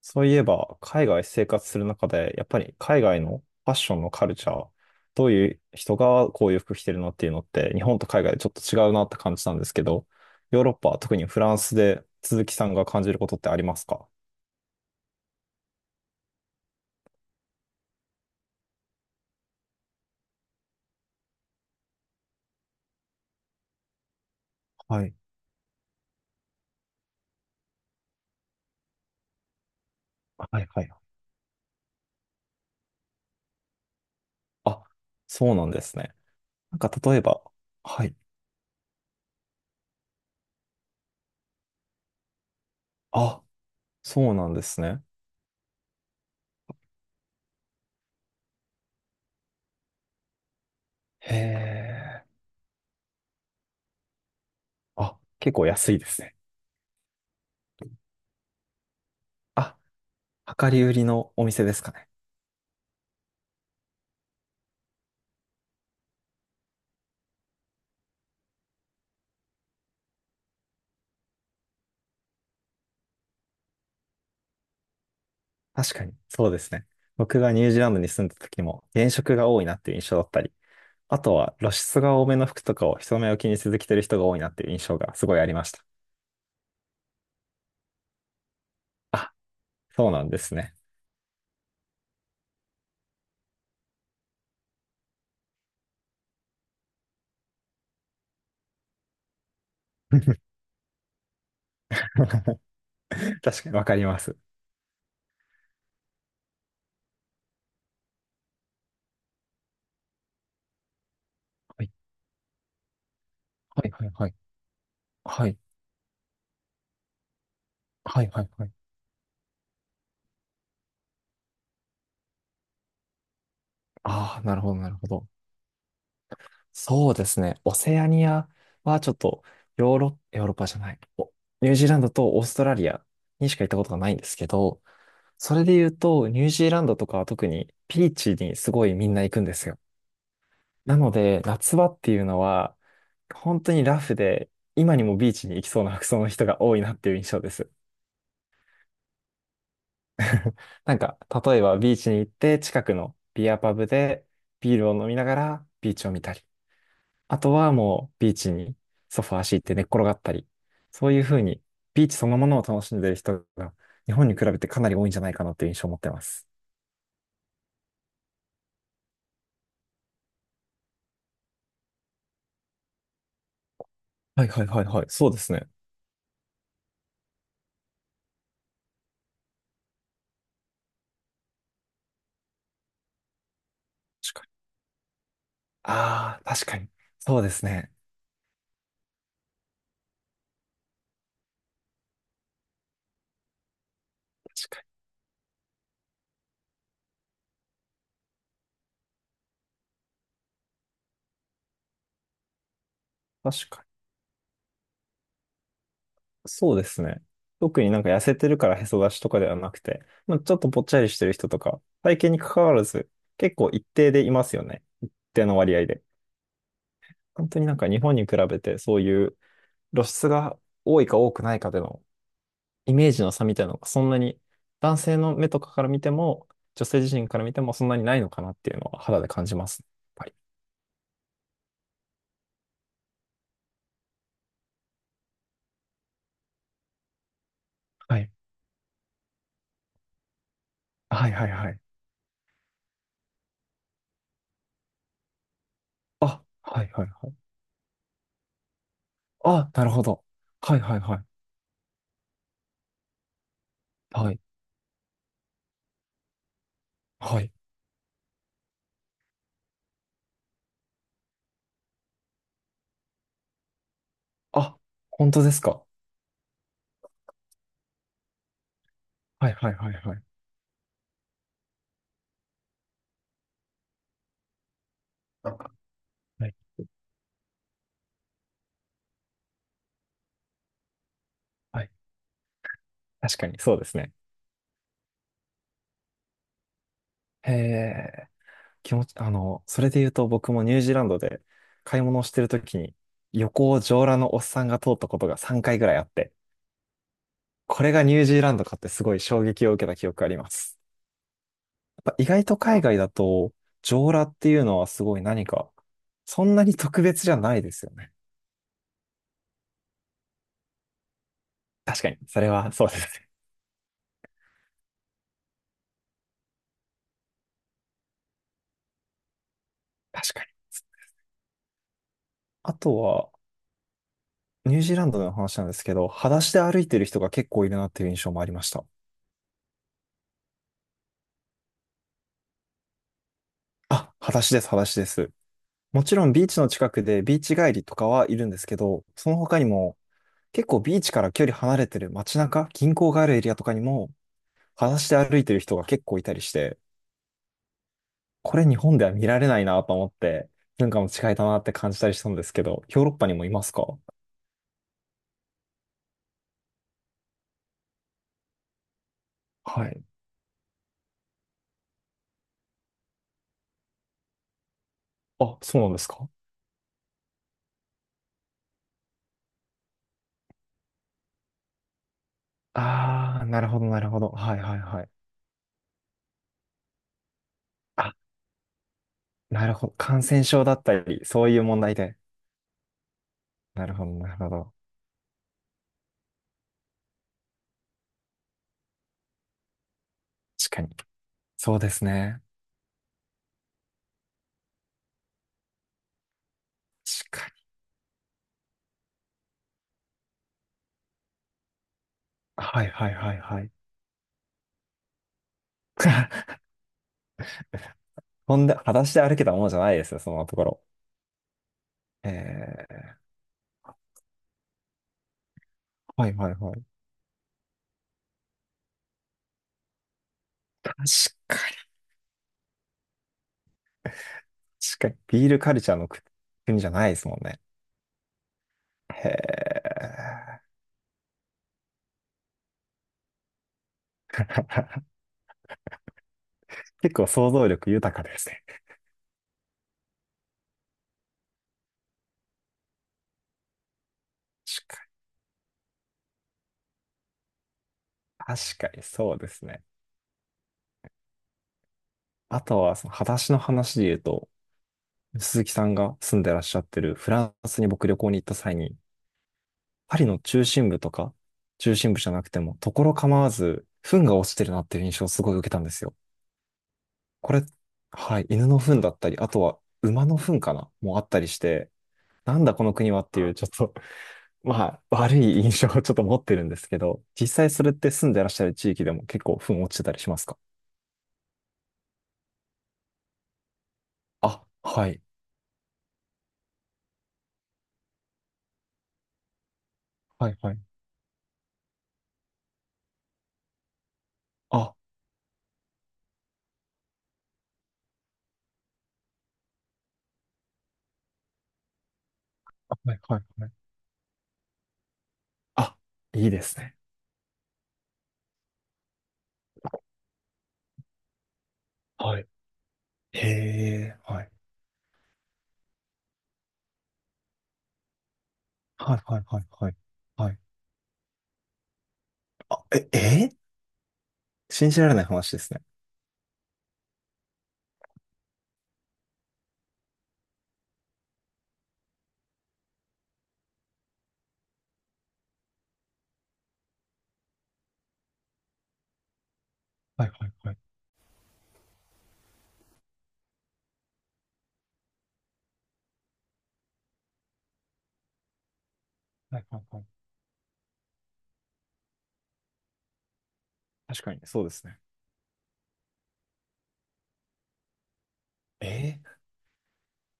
そういえば、海外生活する中で、やっぱり海外のファッションのカルチャー、どういう人がこういう服着てるのっていうのって、日本と海外でちょっと違うなって感じたんですけど、ヨーロッパ、特にフランスで鈴木さんが感じることってありますか？はい。はいはい。あ、そうなんですね。なんか例えば、はい。あ、そうなんですね。へえ。あ、結構安いですね。あ、量り売りのお店ですかね。確かに、そうですね。僕がニュージーランドに住んだ時も、原色が多いなっていう印象だったり、あとは露出が多めの服とかを人目を気にせず着てる人が多いなっていう印象がすごいありました。あ、そうなんですね。確かにわかります。はい、はい、はい、はい。はい、はい、はい。はい。ああ、なるほど、なるほど。そうですね。オセアニアはちょっと、ヨーロッパじゃない。お、ニュージーランドとオーストラリアにしか行ったことがないんですけど、それで言うと、ニュージーランドとかは特にビーチにすごいみんな行くんですよ。なので、夏場っていうのは、本当にラフで、今にもビーチに行きそうな服装の人が多いなっていう印象です。なんか、例えばビーチに行って、近くのビアパブでビールを飲みながらビーチを見たり、あとはもうビーチにソファー敷いて寝っ転がったり、そういうふうにビーチそのものを楽しんでる人が日本に比べてかなり多いんじゃないかなっていう印象を持ってます。はいはいはいはい。そうですね。ああ、確かに。そうですね。確かに。確かに。そうですね。特になんか痩せてるからへそ出しとかではなくて、まあ、ちょっとぽっちゃりしてる人とか、体型に関わらず、結構一定でいますよね。一定の割合で。本当になんか日本に比べて、そういう露出が多いか多くないかでのイメージの差みたいなのが、そんなに男性の目とかから見ても、女性自身から見てもそんなにないのかなっていうのは肌で感じます。やっぱり。はい。はいはいはい。あ、はいはいはい。あ、なるほど。はいはいはい。はい。はい。あ、本当ですか？はいはいはいはい。はいはい。確かに、そうですね。へえ、気持ち、それで言うと僕もニュージーランドで買い物をしてるときに、横を上裸のおっさんが通ったことが3回ぐらいあって、これがニュージーランドかってすごい衝撃を受けた記憶があります。やっぱ意外と海外だと、上裸っていうのはすごい何か、そんなに特別じゃないですよね。確かに、それはそうですね。確かに。あとは、ニュージーランドでの話なんですけど、裸足で歩いてる人が結構いるなっていう印象もありました。あ、裸足です、裸足です。もちろんビーチの近くでビーチ帰りとかはいるんですけど、その他にも結構ビーチから距離離れてる街中、銀行があるエリアとかにも裸足で歩いてる人が結構いたりして、これ日本では見られないなと思って、文化の違いだなって感じたりしたんですけど、ヨーロッパにもいますか？はい。あ、そうなんですか？ああー、なるほど、なるほど。はいはいはい。あ、なるほど。感染症だったり、そういう問題で。なるほど、なるほど。確かに。そうですね。確かに。はい、はい、はい、はい。ほんで、裸足で歩けたものじゃないですよ、そのところ。えー、はい、はい、はい。確か、確かに、ビールカルチャーの国じゃないですもんね。へえ。 結構想像力豊かですね。確かに、確かにそうですね。あとは、その裸足の話で言うと、鈴木さんが住んでらっしゃってるフランスに僕旅行に行った際に、パリの中心部とか、中心部じゃなくても、ところ構わず、糞が落ちてるなっていう印象をすごい受けたんですよ。これ、はい、犬の糞だったり、あとは馬の糞かなもあったりして、なんだこの国はっていう、ちょっと、まあ、悪い印象をちょっと持ってるんですけど、実際それって住んでらっしゃる地域でも結構糞落ちてたりしますか？あ、はい。はいはい。あ、はいはいはい。あ、いいですね。はい。へえ、はい。はいはいはいはい。はい。あ、え、えー、信じられない話ですね。はいはいはい。はいはいはい。確かに、そうですね。ええ。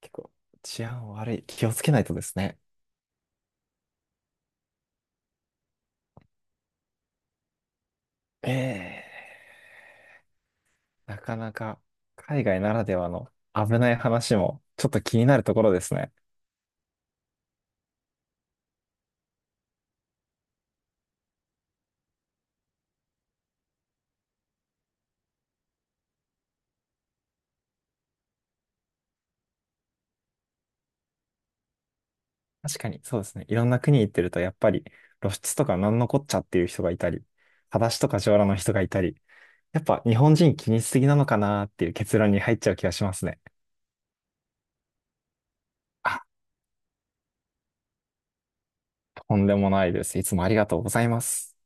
結構治安悪い。気をつけないとですね。ええ。なかなか海外ならではの危ない話もちょっと気になるところですね。確かに、そうですね。いろんな国行ってると、やっぱり露出とかなんのこっちゃっていう人がいたり、裸足とか上裸の人がいたり、やっぱ日本人気にしすぎなのかなっていう結論に入っちゃう気がしますね。あ、とんでもないです。いつもありがとうございます。